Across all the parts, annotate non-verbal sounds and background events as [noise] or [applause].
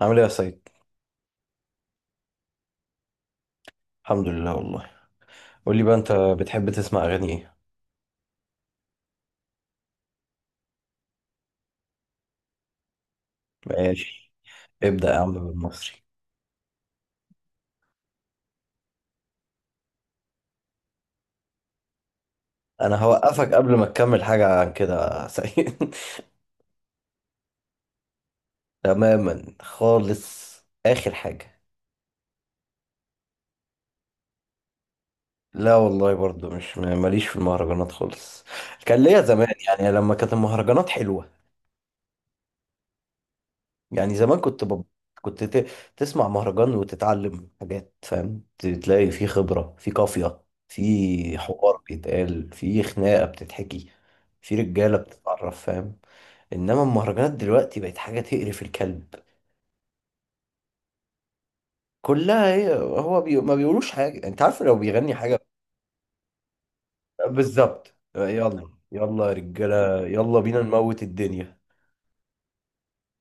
عامل ايه يا سيد؟ الحمد لله والله. قول لي بقى، انت بتحب تسمع اغاني ايه؟ ماشي. ابدأ يا عم بالمصري. انا هوقفك قبل ما تكمل حاجة عن كده يا سيد. [laughs] تماما خالص. اخر حاجة. لا والله، برضو مش ماليش في المهرجانات خالص. كان ليا زمان، يعني لما كانت المهرجانات حلوة. يعني زمان كنت ت... تسمع مهرجان وتتعلم حاجات، فاهم؟ تلاقي في خبرة، في قافية، في حوار بيتقال، في خناقة بتتحكي، في رجالة بتتعرف، فاهم؟ انما المهرجانات دلوقتي بقت حاجة تقرف الكلب. كلها، ما بيقولوش حاجة، انت عارف، لو بيغني حاجة. بالظبط. يلا، يلا يا رجالة، يلا بينا نموت الدنيا.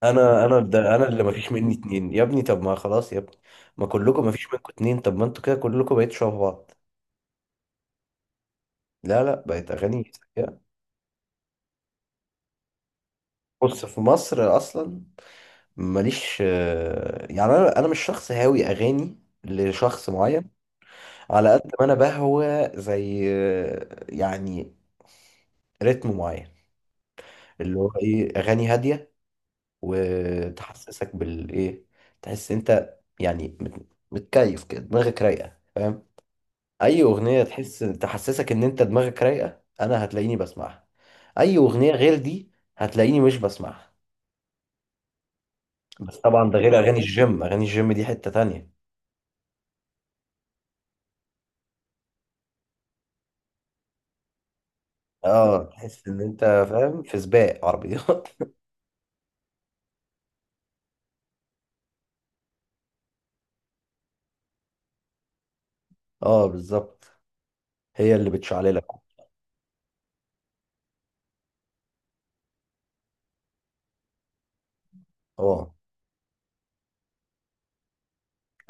انا ده انا اللي مفيش مني اتنين يا ابني. طب ما خلاص يا ابني، ما كلكم مفيش منكم اتنين. طب ما انتوا كده كلكم بقيتوا شبه بعض. لا لا، بقت اغاني سيئة. بص، في مصر اصلا ماليش. يعني انا مش شخص هاوي اغاني لشخص معين. على قد ما انا بهوى، زي يعني رتم معين، اللي هو ايه، اغاني هاديه وتحسسك بالايه، تحس انت يعني متكيف كده، دماغك رايقه، فاهم؟ اي اغنيه تحس تحسسك ان انت دماغك رايقه، انا هتلاقيني بسمعها. اي اغنيه غير دي هتلاقيني مش بسمعها. بس طبعا ده غير اغاني الجيم، اغاني الجيم دي حته تانية. اه [laughs] تحس ان انت، فاهم، في سباق عربيات. [laughs] اه بالظبط، هي اللي بتشعللك. اه،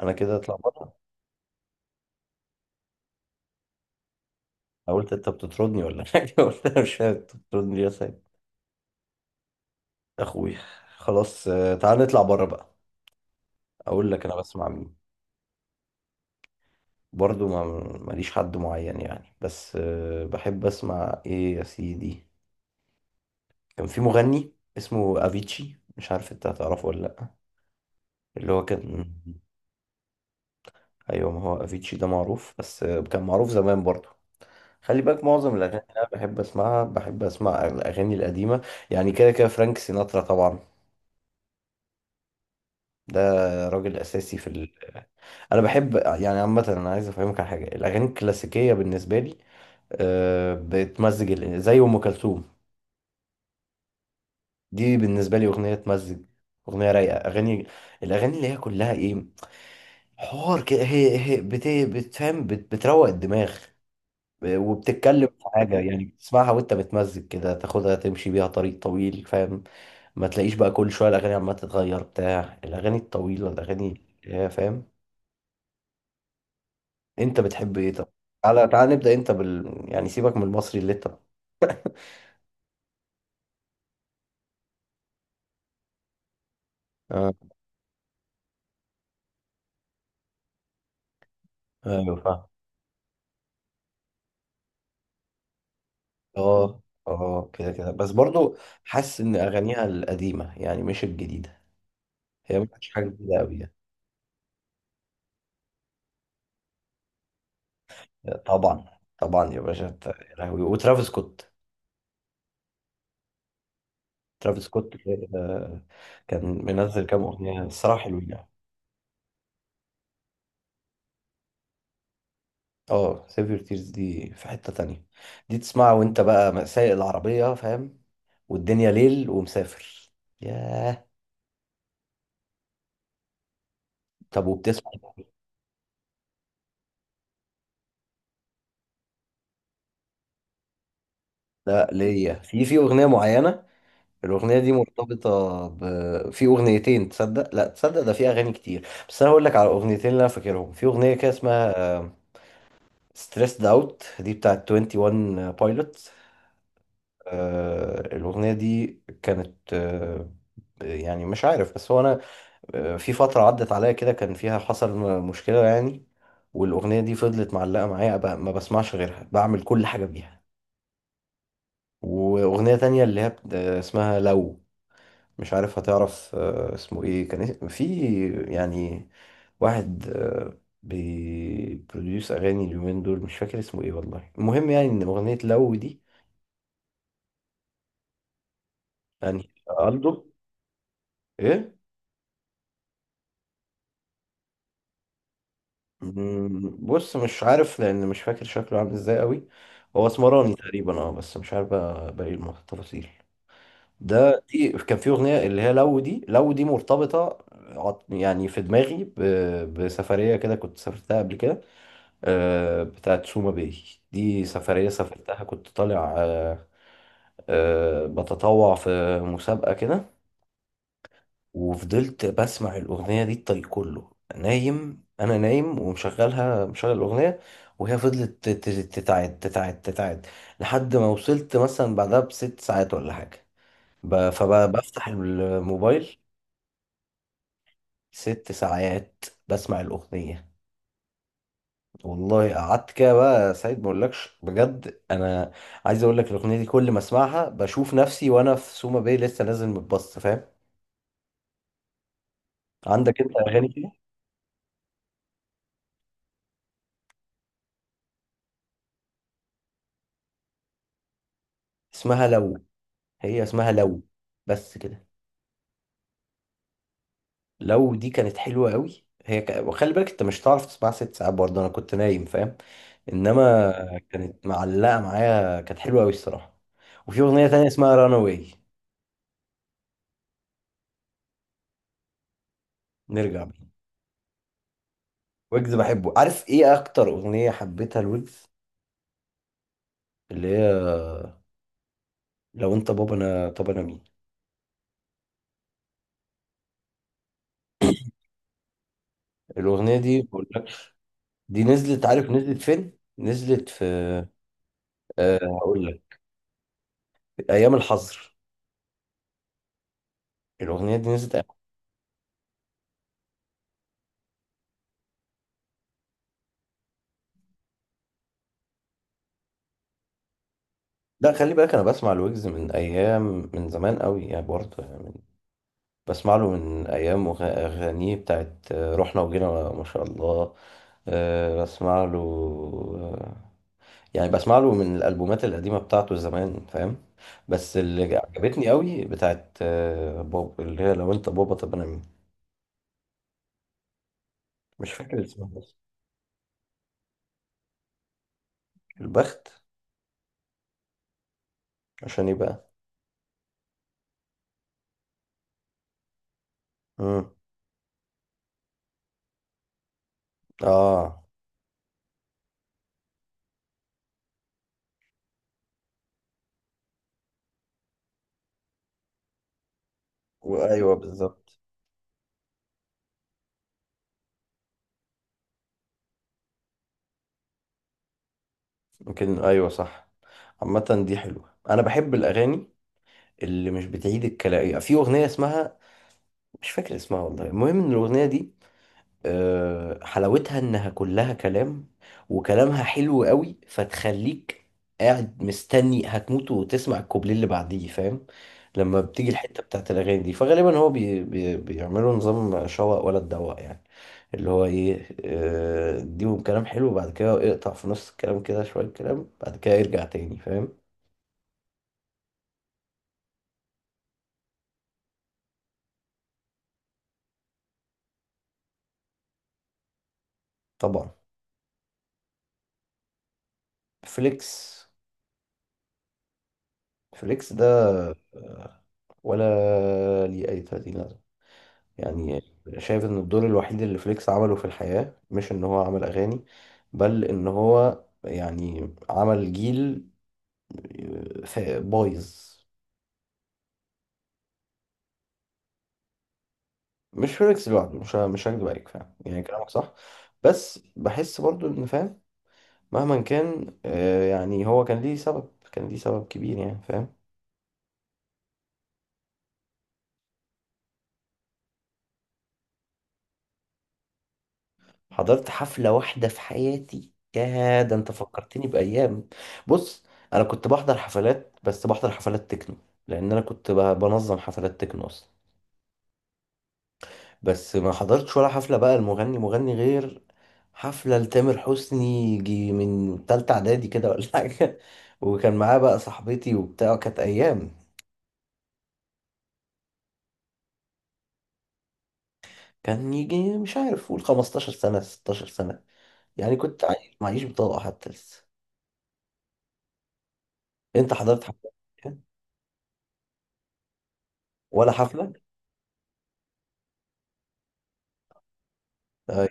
انا كده اتلخبطت. أنا قلت انت بتطردني ولا حاجه، [laughs] قلت انا مش فاهم انت بتطردني ليه يا سيد. اخوي. خلاص تعال نطلع بره بقى، اقول لك انا بسمع مين. برضو ما، ماليش حد معين يعني، بس بحب اسمع ايه يا سيدي. كان في مغني اسمه افيتشي، مش عارف انت هتعرفه ولا لا، اللي هو كان. ايوه ما هو افيتشي ده معروف، بس كان معروف زمان برضو. خلي بالك معظم الاغاني اللي انا بحب اسمعها، بحب اسمع الاغاني القديمه. يعني كده كده فرانك سيناترا طبعا. ده راجل اساسي في ال... انا بحب، يعني عامه انا عايز افهمك على حاجه، الاغاني الكلاسيكيه بالنسبه لي بتمزج زي ام كلثوم. دي بالنسبة لي أغنية تمزج، أغنية رايقة. أغاني، الأغاني اللي هي كلها إيه، حوار كده، بتفهم، بتروق الدماغ، وبتتكلم في حاجة، يعني بتسمعها وأنت متمزج كده، تاخدها تمشي بيها طريق طويل، فاهم؟ ما تلاقيش بقى كل شوية الأغاني عمالة تتغير، بتاع الأغاني الطويلة، الأغاني اللي هي فاهم. أنت بتحب إيه طب؟ تعالى تعالى نبدأ أنت بال، يعني سيبك من المصري اللي أنت. آه أيوه فاهم. آه. آه كده كده، بس برضو حاسس إن أغانيها القديمة يعني، مش الجديدة. هي ما كانتش حاجه جديده قوي. يعني طبعا، طبعا يا باشا. يا لهوي، وترافيس سكوت. ترافيس سكوت، آه، كان منزل كام اغنيه الصراحه حلوين يعني. اه سيف يور تيرز دي في حته تانية، دي تسمعها وانت بقى سايق العربيه، فاهم؟ والدنيا ليل ومسافر. ياه. طب وبتسمع. لا ليا، في في اغنيه معينه، الاغنيه دي مرتبطه ب... في اغنيتين، تصدق؟ لا تصدق، ده في اغاني كتير، بس انا هقول لك على اغنيتين اللي انا فاكرهم. في اغنيه كده اسمها ستريسد اوت، دي بتاعت 21 بايلوت. الاغنيه دي كانت يعني مش عارف، بس هو انا في فتره عدت عليا كده كان فيها حصل مشكله يعني، والاغنيه دي فضلت معلقه معايا، ما بسمعش غيرها، بعمل كل حاجه بيها. واغنيه تانية اللي هي اسمها لو. مش عارف هتعرف اسمه ايه. في يعني واحد بيبروديوس اغاني اليومين دول، مش فاكر اسمه ايه والله، المهم يعني ان اغنيه لو دي يعني. الدو. ايه. مم، بص مش عارف، لان مش فاكر شكله عامل ازاي قوي. هو اسمراني تقريبا اه، بس مش عارف بقى باقي التفاصيل. دي كان في اغنيه اللي هي لو، دي لو دي مرتبطه يعني في دماغي، بسفريه كده كنت سافرتها قبل كده بتاعت سوما باي. دي سفريه سافرتها، كنت طالع بتطوع في مسابقه كده، وفضلت بسمع الأغنية دي الطريق كله. نايم، أنا نايم ومشغلها، مشغل الأغنية، وهي فضلت تتعاد تتعاد تتعاد، لحد ما وصلت مثلا بعدها بست ساعات ولا حاجة، فبفتح الموبايل. 6 ساعات بسمع الأغنية، والله. قعدت كده بقى سعيد، ما اقولكش، بجد انا عايز اقول لك الاغنيه دي كل ما اسمعها بشوف نفسي وانا في سوما باي لسه نازل متبسط، فاهم؟ عندك انت اغاني كده. اسمها لو. هي اسمها لو، بس كده. لو دي كانت حلوة قوي، وخلي بالك انت مش هتعرف تسمعها 6 ساعات برضه، انا كنت نايم فاهم، انما كانت معلقة معايا، كانت حلوة قوي الصراحة. وفي اغنية تانية اسمها رانا واي. نرجع بيها. ويجز بحبه، عارف ايه اكتر اغنية حبيتها لويجز؟ اللي هي لو انت بابا انا طب انا مين. الاغنية دي، بقول لك، دي نزلت، عارف نزلت فين؟ نزلت في، أه هقول لك، ايام الحظر. الاغنية دي نزلت. لا خلي بالك، انا بسمع الويجز من ايام، من زمان قوي يعني برضه يعني بسمع له من ايام اغانيه بتاعت رحنا وجينا ما شاء الله. بسمع له آه، يعني بسمع له من الالبومات القديمه بتاعته زمان، فاهم؟ بس اللي عجبتني قوي بتاعت بوب، اللي هي لو انت بابا طب انا مين. مش فاكر اسمها بس. البخت. عشان يبقى. امم. اه. وايوه بالظبط. يمكن ايوه صح. عامه دي حلوه، انا بحب الاغاني اللي مش بتعيد الكلام. في اغنيه اسمها، مش فاكر اسمها والله، المهم ان الاغنيه دي حلاوتها انها كلها كلام، وكلامها حلو قوي، فتخليك قاعد مستني هتموت وتسمع الكوبليه اللي بعديه، فاهم؟ لما بتيجي الحته بتاعت الاغاني دي، فغالبا هو بي بيعملوا نظام شوق ولا تدوق يعني، اللي هو ايه، اديهم كلام حلو بعد كده اقطع في نص الكلام كده شويه كلام بعد كده يرجع تاني، فاهم؟ طبعا. فليكس. فليكس ده آه، ولا ليه أي 30 لازمة يعني. شايف إن الدور الوحيد اللي فليكس عمله في الحياة مش إن هو عمل أغاني، بل إن هو يعني عمل جيل بايظ. مش فليكس لوحده، مش هكدب عليك، فاهم، يعني كلامك صح، بس بحس برضو إن، فاهم، مهما كان يعني هو كان ليه سبب، كان ليه سبب كبير يعني، فاهم؟ حضرت حفلة واحدة في حياتي، يا ده انت فكرتني بأيام. بص، انا كنت بحضر حفلات، بس بحضر حفلات تكنو، لان انا كنت بنظم حفلات تكنو اصلا. بس ما حضرتش ولا حفلة بقى المغني مغني، غير حفلة لتامر حسني، يجي من تالتة اعدادي كده ولا حاجة. [laughs] وكان معاه بقى صاحبتي وبتاع، كانت ايام. كان يجي مش عارف، قول 15 سنة 16 سنة، يعني كنت عايش معيش بطاقة حتى لسه. انت حضرت حفلة ولا حفلة؟ آه،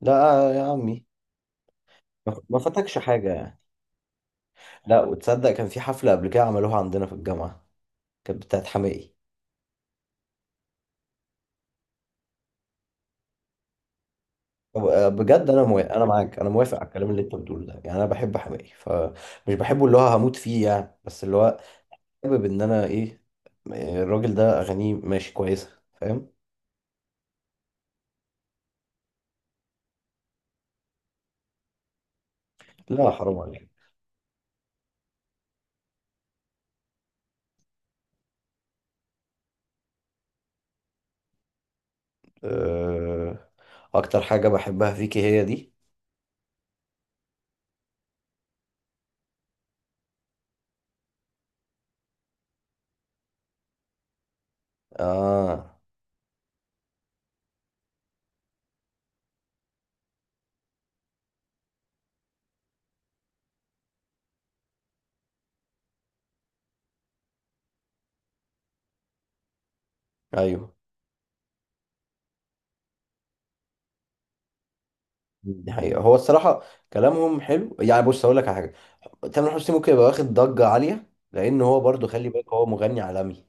لا يا عمي، ما ما فاتكش حاجة يعني. لا وتصدق كان في حفلة قبل كده عملوها عندنا في الجامعة، كانت بتاعت حماقي. طب، بجد انا موافق، انا معاك، انا موافق على الكلام اللي انت بتقوله ده، يعني انا بحب حماقي، فمش بحبه اللي هو هموت فيه يعني، بس اللي هو حابب ان انا ايه، الراجل ده اغانيه ماشي كويسة، فاهم؟ لا حرام عليك. أه... اكتر حاجة بحبها فيكي هي دي. اه. ايوه دي حقيقة، هو الصراحة كلامهم حلو يعني. بص هقول لك على حاجة، تامر حسني ممكن يبقى واخد ضجة عالية، لأن هو برضو خلي بالك هو مغني عالمي.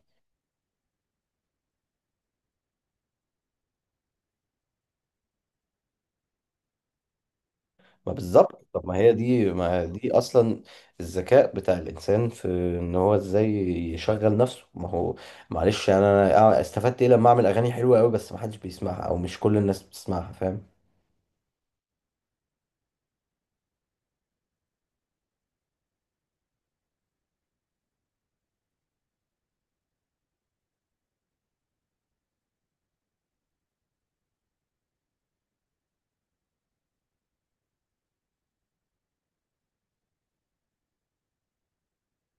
ما بالظبط، طب ما هي دي، ما دي أصلا الذكاء بتاع الإنسان، في إن هو إزاي يشغل نفسه. ما هو معلش يعني، أنا استفدت إيه لما أعمل أغاني حلوة أوي بس ما حدش بيسمعها أو مش كل الناس بتسمعها، فاهم؟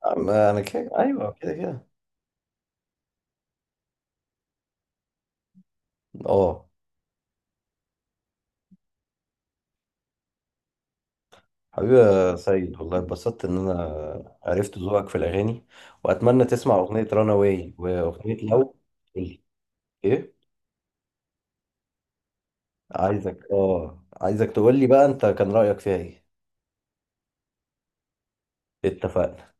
أنا كده أيوه، كده كده. أه. حبيبي يا سيد، والله اتبسطت ان انا عرفت ذوقك في الاغاني، واتمنى تسمع اغنيه رانا واي واغنيه لو. قولي. ايه. عايزك، اه عايزك تقول لي بقى انت كان رايك فيها ايه. اتفقنا.